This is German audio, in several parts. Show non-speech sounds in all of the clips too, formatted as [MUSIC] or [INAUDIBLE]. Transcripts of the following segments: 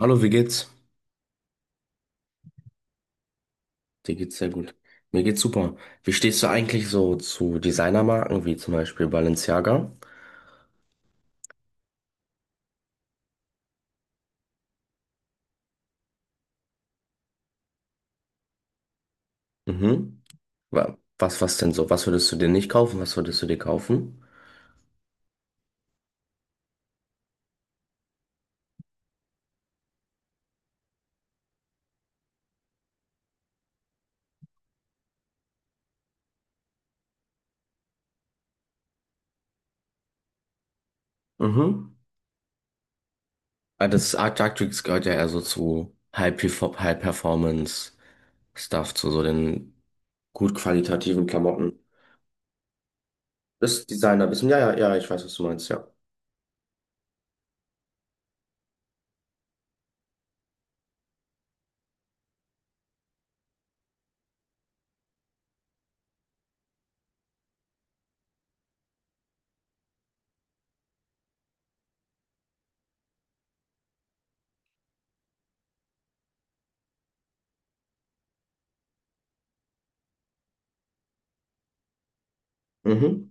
Hallo, wie geht's? Dir geht's sehr gut. Mir geht's super. Wie stehst du eigentlich so zu Designermarken wie zum Beispiel Balenciaga? Mhm. Was denn so? Was würdest du dir nicht kaufen? Was würdest du dir kaufen? Mhm. Ah, das Art gehört ja eher so zu High Performance Stuff, zu so den gut qualitativen Klamotten. Das Designerwissen, ja, ja, ja, ich weiß, was du meinst, ja. Mhm.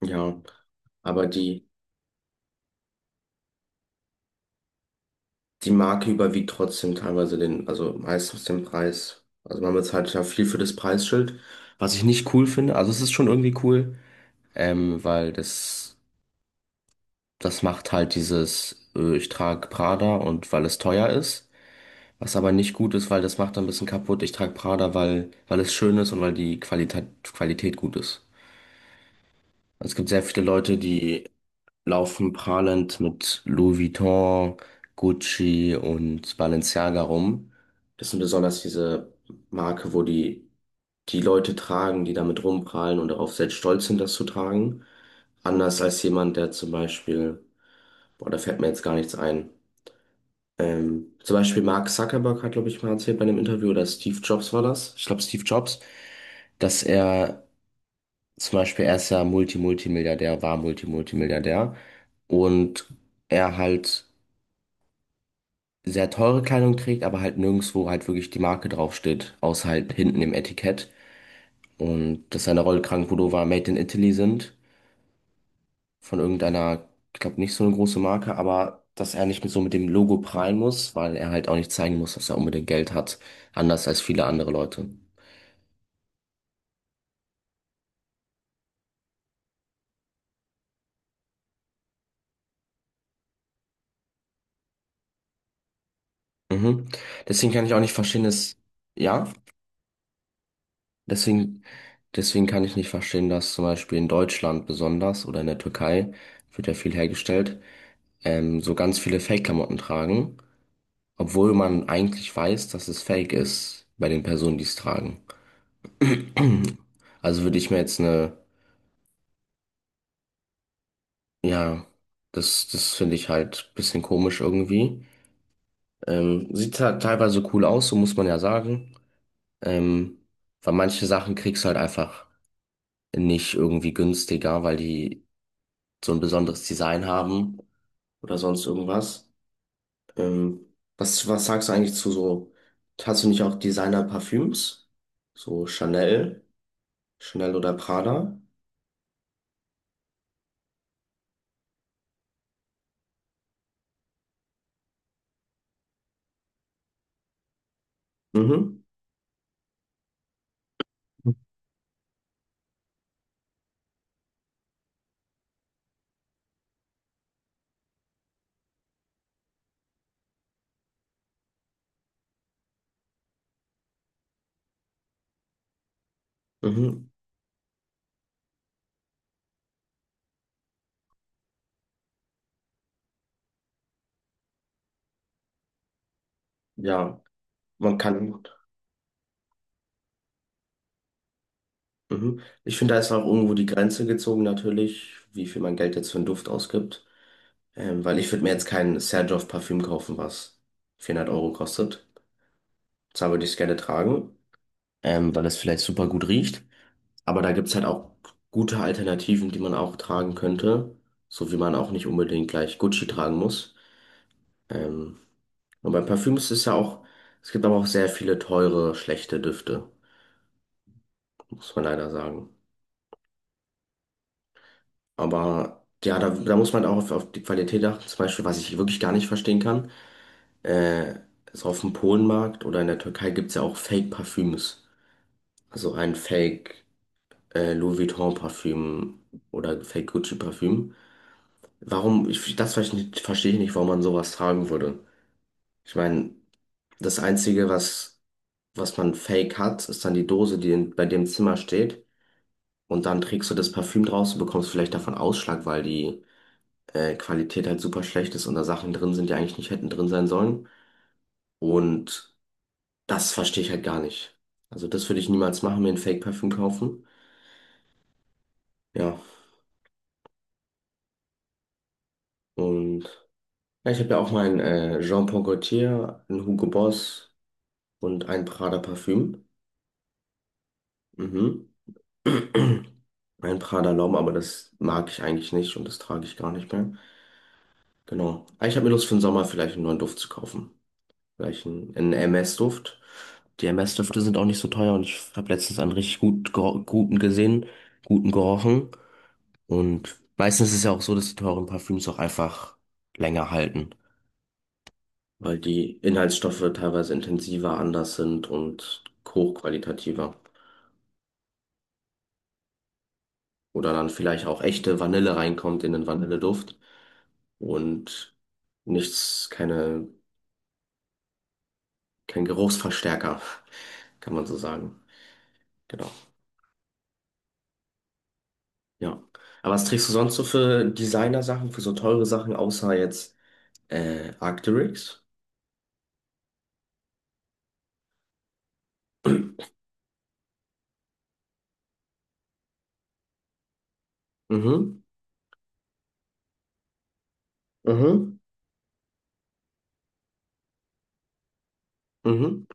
Ja, aber die Marke überwiegt trotzdem teilweise den, also meistens den Preis. Also man bezahlt ja viel für das Preisschild, was ich nicht cool finde. Also es ist schon irgendwie cool, weil das macht halt dieses, ich trage Prada und weil es teuer ist. Was aber nicht gut ist, weil das macht ein bisschen kaputt. Ich trage Prada, weil es schön ist und weil die Qualität gut ist. Es gibt sehr viele Leute, die laufen prahlend mit Louis Vuitton, Gucci und Balenciaga rum. Das sind besonders diese Marke, wo die Leute tragen, die damit rumprahlen und darauf sehr stolz sind, das zu tragen. Anders als jemand, der zum Beispiel, boah, da fällt mir jetzt gar nichts ein. Zum Beispiel Mark Zuckerberg hat, glaube ich, mal erzählt bei einem Interview, oder Steve Jobs war das. Ich glaube, Steve Jobs, dass er, zum Beispiel, er ist ja Multi-Multimilliardär, war Multi-Multimilliardär. Und er halt sehr teure Kleidung trägt, aber halt nirgendwo halt wirklich die Marke draufsteht, außer halt hinten im Etikett. Und dass seine Rollkragenpullover made in Italy sind, von irgendeiner, ich glaube nicht so eine große Marke, aber dass er nicht mit dem Logo prahlen muss, weil er halt auch nicht zeigen muss, dass er unbedingt Geld hat, anders als viele andere Leute. Mhm. Deswegen kann ich auch nicht verstehen, dass, ja? Deswegen, deswegen kann ich nicht verstehen, dass zum Beispiel in Deutschland besonders oder in der Türkei wird ja viel hergestellt, so ganz viele Fake-Klamotten tragen, obwohl man eigentlich weiß, dass es Fake ist bei den Personen, die es tragen. [CLEARS THROAT] Also würde ich mir jetzt eine, ja, das finde ich halt ein bisschen komisch irgendwie. Sieht halt teilweise cool aus, so muss man ja sagen. Ähm, Weil manche Sachen kriegst du halt einfach nicht irgendwie günstiger, weil die so ein besonderes Design haben oder sonst irgendwas. Ähm, was sagst du eigentlich zu so, hast du nicht auch Designer-Parfüms? So Chanel oder Prada? Mhm, mhm, ja, man kann, mhm. Ich finde, da ist auch irgendwo die Grenze gezogen natürlich, wie viel man Geld jetzt für einen Duft ausgibt. Weil ich würde mir jetzt kein Serjoff-Parfüm kaufen, was 400 € kostet. Zwar würde ich es gerne tragen, weil es vielleicht super gut riecht. Aber da gibt's halt auch gute Alternativen, die man auch tragen könnte, so wie man auch nicht unbedingt gleich Gucci tragen muss. Ähm, und bei Parfüms ist es ja auch, es gibt aber auch sehr viele teure, schlechte Düfte, muss man leider sagen. Aber ja, da muss man auch auf die Qualität achten. Zum Beispiel, was ich wirklich gar nicht verstehen kann, äh, ist auf dem Polenmarkt oder in der Türkei gibt's ja auch Fake-Parfüms. Also ein Fake, Louis Vuitton-Parfüm oder Fake-Gucci-Parfüm. Warum, ich, das verstehe ich nicht, warum man sowas tragen würde. Ich meine, das Einzige, was man fake hat, ist dann die Dose, die in, bei dem Zimmer steht. Und dann trägst du das Parfüm draus und bekommst vielleicht davon Ausschlag, weil die Qualität halt super schlecht ist und da Sachen drin sind, die eigentlich nicht hätten drin sein sollen. Und das verstehe ich halt gar nicht. Also das würde ich niemals machen, mir ein Fake-Parfüm kaufen. Ja. Und ja, ich habe ja auch mein Jean Paul Gaultier, ein Hugo Boss und ein Prada Parfüm. Mhm. [CLEARS THROAT] Ein Prada Laum, aber das mag ich eigentlich nicht und das trage ich gar nicht mehr. Genau. Aber ich habe mir Lust für den Sommer vielleicht einen neuen Duft zu kaufen. Vielleicht einen MS-Duft. Die MS-Düfte sind auch nicht so teuer und ich habe letztens einen richtig guten gerochen. Und meistens ist es ja auch so, dass die teuren Parfüms auch einfach länger halten, weil die Inhaltsstoffe teilweise intensiver, anders sind und hochqualitativer. Oder dann vielleicht auch echte Vanille reinkommt in den Vanilleduft. Und nichts, keine, kein Geruchsverstärker, kann man so sagen. Genau, ja. Aber was trägst du sonst so für Designer-Sachen, für so teure Sachen, außer jetzt Arc'teryx? Mhm, mhm, mhm,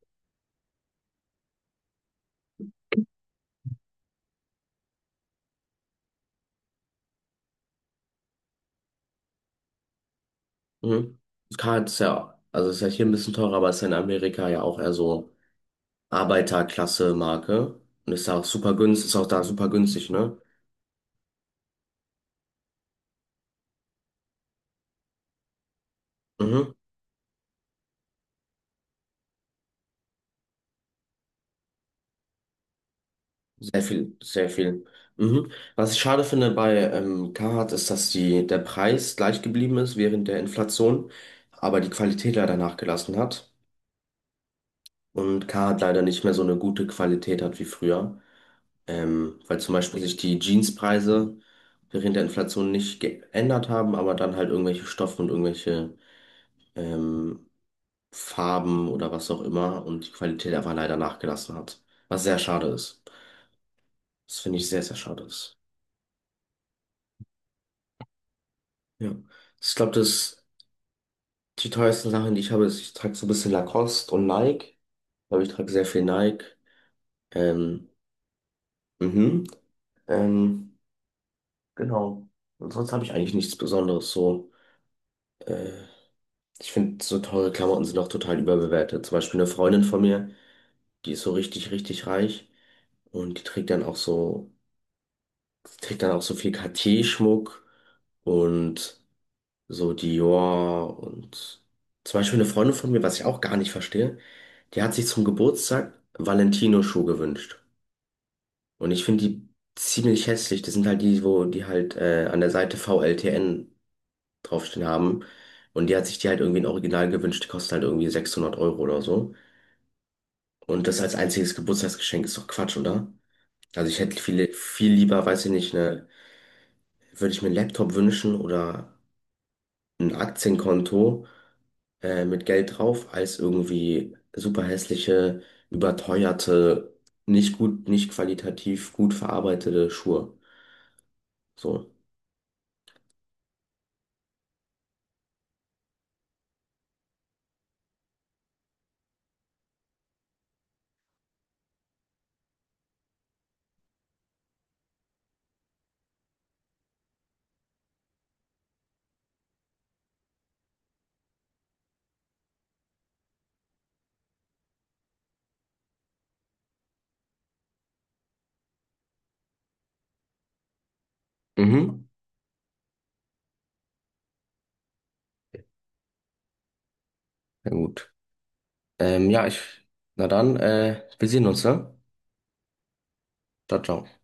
mhm. Das kann jetzt ja, also ist ja hier ein bisschen teurer, aber ist ja in Amerika ja auch eher so Arbeiterklasse-Marke und ist da auch super günstig, ist auch da super günstig, ne? Mhm. Sehr viel, sehr viel. Mhm. Was ich schade finde bei Carhartt ist, dass die, der Preis gleich geblieben ist während der Inflation, aber die Qualität leider nachgelassen hat und Carhartt leider nicht mehr so eine gute Qualität hat wie früher, weil zum Beispiel sich die Jeanspreise während der Inflation nicht geändert haben, aber dann halt irgendwelche Stoffe und irgendwelche ähm, Farben oder was auch immer und die Qualität einfach leider nachgelassen hat, was sehr schade ist. Das finde ich sehr, sehr schade ist. Ja. Ich glaube, das die teuersten Sachen, die ich habe, ist, ich trage so ein bisschen Lacoste und Nike. Aber ich trage sehr viel Nike. Ähm, mhm. Ähm, genau. Und sonst habe ich eigentlich nichts Besonderes so. Äh, Ich finde, so teure Klamotten sind auch total überbewertet. Zum Beispiel eine Freundin von mir, die ist so richtig, richtig reich und die trägt dann auch so viel Cartier-Schmuck und so Dior und zum Beispiel eine Freundin von mir, was ich auch gar nicht verstehe, die hat sich zum Geburtstag Valentino-Schuhe gewünscht. Und ich finde die ziemlich hässlich. Das sind halt die, wo die halt an der Seite VLTN draufstehen haben. Und die hat sich die halt irgendwie in Original gewünscht. Die kosten halt irgendwie 600 € oder so. Und das als einziges Geburtstagsgeschenk ist doch Quatsch, oder? Also ich hätte viel, viel lieber, weiß ich nicht, ne, würde ich mir einen Laptop wünschen oder ein Aktienkonto mit Geld drauf, als irgendwie super hässliche, überteuerte, nicht gut, nicht qualitativ gut verarbeitete Schuhe. So. Mhm. Na gut. Ja, ich, na dann, wir sehen uns, ne? Ciao, ciao.